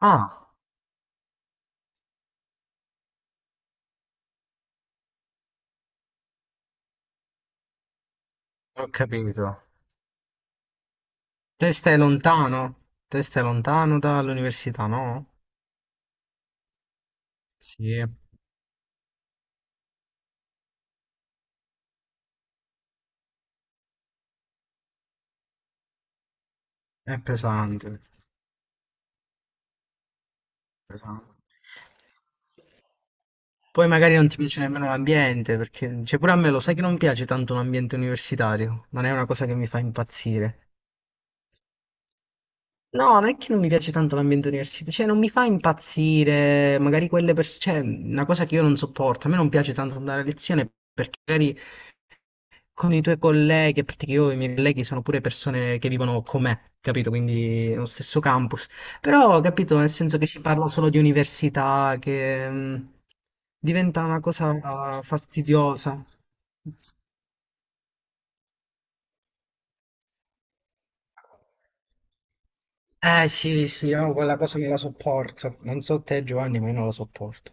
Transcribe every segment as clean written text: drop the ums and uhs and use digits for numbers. Ah, ho capito. Te stai lontano? Te stai lontano dall'università, no? Sì, è pesante, pesante. Poi magari non ti piace nemmeno l'ambiente, perché cioè pure a me lo sai che non piace tanto l'ambiente universitario, non è una cosa che mi fa impazzire. No, non è che non mi piace tanto l'ambiente universitario, cioè non mi fa impazzire, magari quelle persone, cioè una cosa che io non sopporto, a me non piace tanto andare a lezione perché magari con i tuoi colleghi, a parte che io e i miei colleghi sono pure persone che vivono con me, capito? Quindi nello stesso campus. Però, capito, nel senso che si parla solo di università, che diventa una cosa fastidiosa. Eh sì, sì, io quella cosa non la sopporto. Non so te, Giovanni, ma io non la sopporto.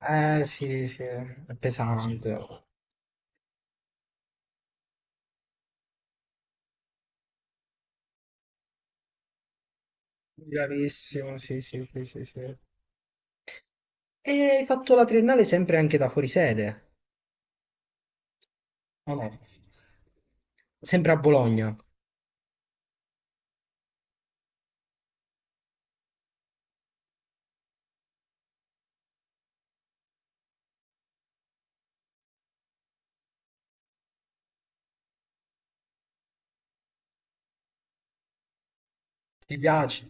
Eh sì, sì, è pesante. Bravissimo, sì, sì, sì, sì, sì. E hai fatto la triennale sempre anche da fuori sede? O no? Sempre a Bologna. Ti piace?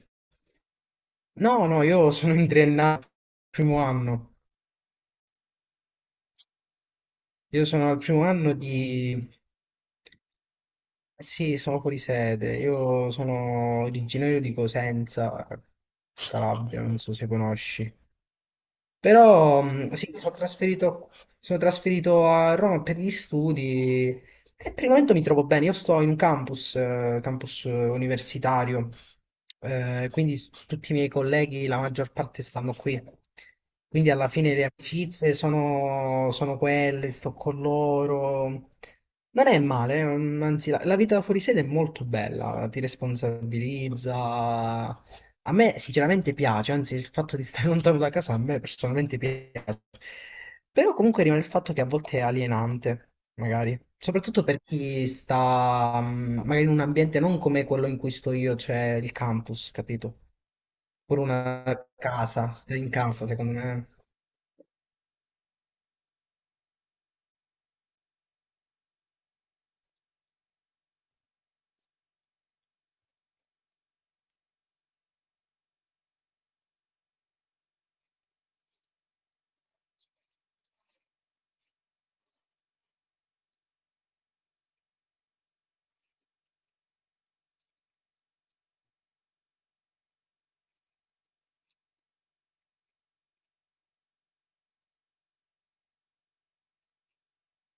No, no, io sono in triennale, primo anno. Io sono al primo anno di... Sì, sono fuori sede. Io sono originario di Cosenza, Calabria, non so se conosci. Però sì, mi sono trasferito a Roma per gli studi e per il momento mi trovo bene. Io sto in un campus, campus universitario, quindi tutti i miei colleghi, la maggior parte stanno qui. Quindi alla fine le amicizie sono, sono quelle, sto con loro. Non è male, mm, anzi la, la vita fuori sede è molto bella, ti responsabilizza, a me sinceramente piace, anzi il fatto di stare lontano da casa a me personalmente piace, però comunque rimane il fatto che a volte è alienante, magari, soprattutto per chi sta mm, magari in un ambiente non come quello in cui sto io, cioè il campus, capito? Pure una casa, stare in casa secondo me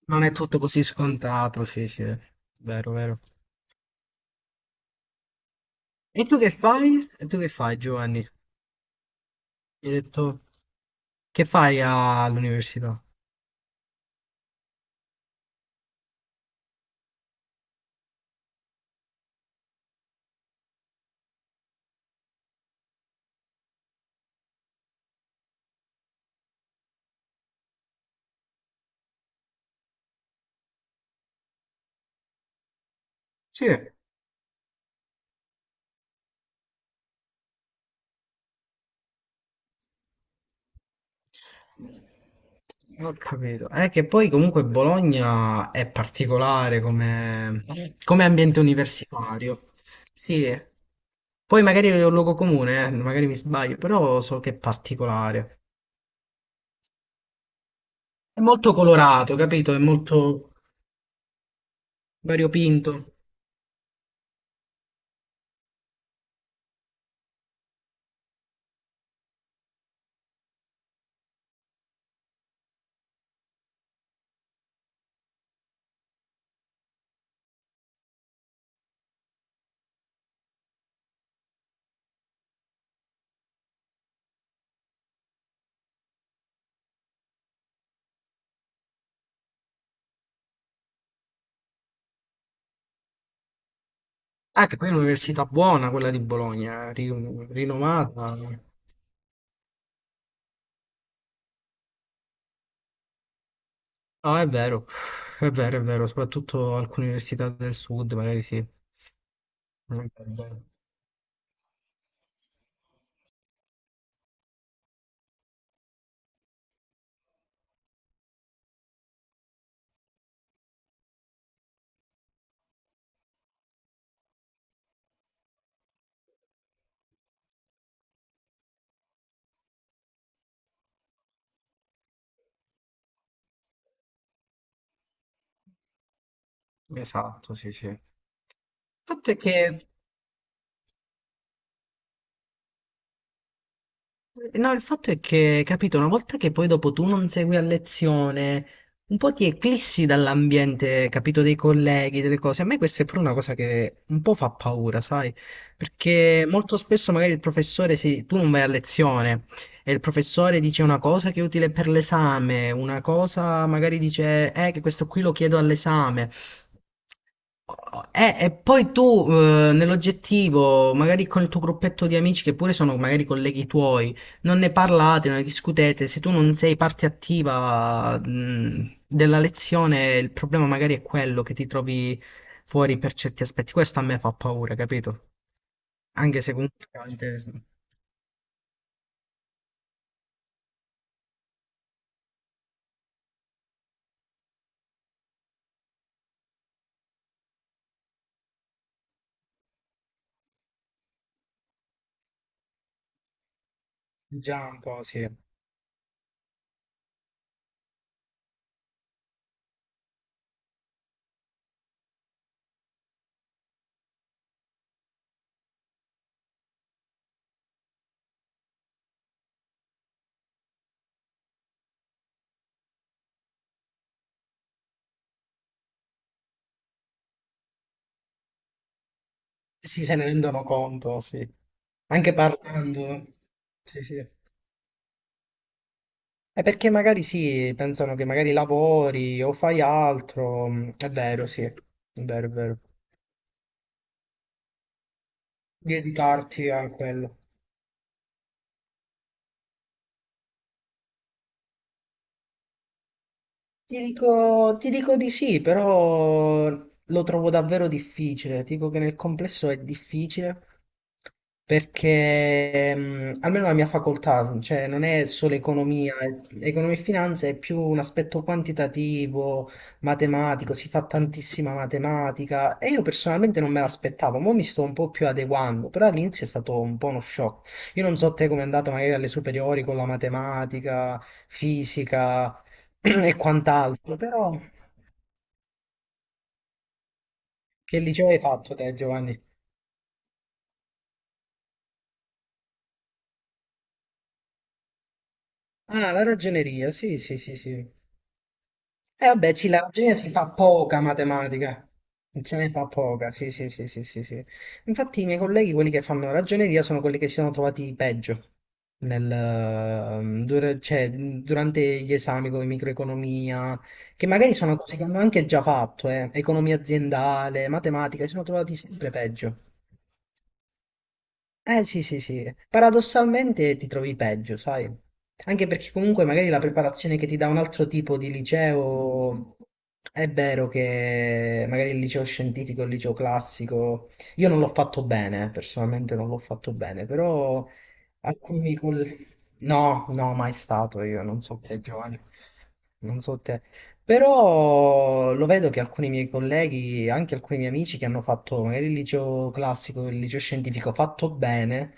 non è tutto così scontato, sì sì, vero, vero. E tu che fai? E tu che fai Giovanni? Mi hai detto che fai all'università? Sì. Ho capito. È che poi comunque Bologna è particolare come, come ambiente universitario. Sì. Poi magari è un luogo comune, magari mi sbaglio, però so che è particolare. È molto colorato, capito? È molto variopinto. Ah, che poi è un'università buona quella di Bologna, rinomata. No, è vero, è vero, è vero, soprattutto alcune università del sud, magari sì. Esatto, sì, sì. Il fatto è che no, il fatto è che, capito, una volta che poi dopo tu non segui a lezione, un po' ti eclissi dall'ambiente, capito, dei colleghi, delle cose. A me questa è pure una cosa che un po' fa paura, sai? Perché molto spesso magari il professore, sì, tu non vai a lezione e il professore dice una cosa che è utile per l'esame, una cosa magari dice, che questo qui lo chiedo all'esame. E poi tu, nell'oggettivo, magari con il tuo gruppetto di amici, che pure sono magari colleghi tuoi, non ne parlate, non ne discutete. Se tu non sei parte attiva, della lezione, il problema magari è quello che ti trovi fuori per certi aspetti. Questo a me fa paura, capito? Anche se comunque già un po' sì. Sì, se ne rendono conto, sì. Anche parlando. Sì, sì. È perché magari sì, pensano che magari lavori o fai altro, mm, è vero, sì, è vero, è vero. Dedicarti a quello. Ti dico di sì, però lo trovo davvero difficile. Ti dico che nel complesso è difficile perché mm, almeno la mia facoltà, cioè non è solo economia, economia e finanza è più un aspetto quantitativo, matematico, si fa tantissima matematica e io personalmente non me l'aspettavo, ma mi sto un po' più adeguando, però all'inizio è stato un po' uno shock. Io non so te com'è andata magari alle superiori con la matematica, fisica. E quant'altro, però che liceo hai fatto te, Giovanni? Ah, la ragioneria, sì, sì, sì, sì. E vabbè, sì, la ragioneria si fa poca matematica, se ne fa poca, sì, sì, sì, sì, sì, sì. Infatti i miei colleghi, quelli che fanno ragioneria, sono quelli che si sono trovati peggio nel, cioè, durante gli esami come microeconomia, che magari sono cose che hanno anche già fatto, economia aziendale, matematica, si sono trovati sempre peggio. Eh sì, sì, sì. Paradossalmente ti trovi peggio, sai? Anche perché comunque magari la preparazione che ti dà un altro tipo di liceo è vero che magari il liceo scientifico, il liceo classico, io non l'ho fatto bene, personalmente non l'ho fatto bene, però alcuni colleghi... No, no, mai stato io, non so te, Giovanni. Non so te. Però lo vedo che alcuni miei colleghi, anche alcuni miei amici che hanno fatto magari il liceo classico, il liceo scientifico fatto bene,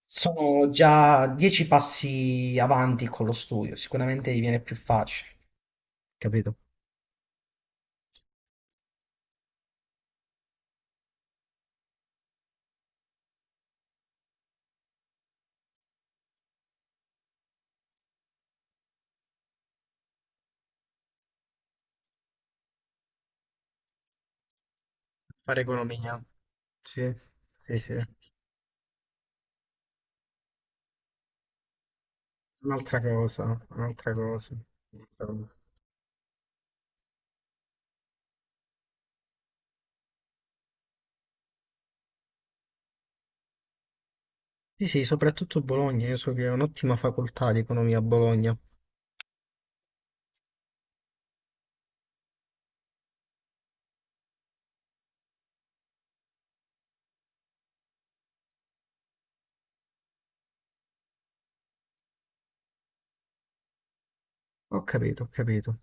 sono già 10 passi avanti con lo studio. Sicuramente gli viene più facile, capito? Fare economia. Sì, sì, sì. Un'altra cosa, un'altra cosa. Un'altra cosa. Sì, sì, soprattutto Bologna. Io so che è un'ottima facoltà di economia a Bologna. Ho capito, ho capito.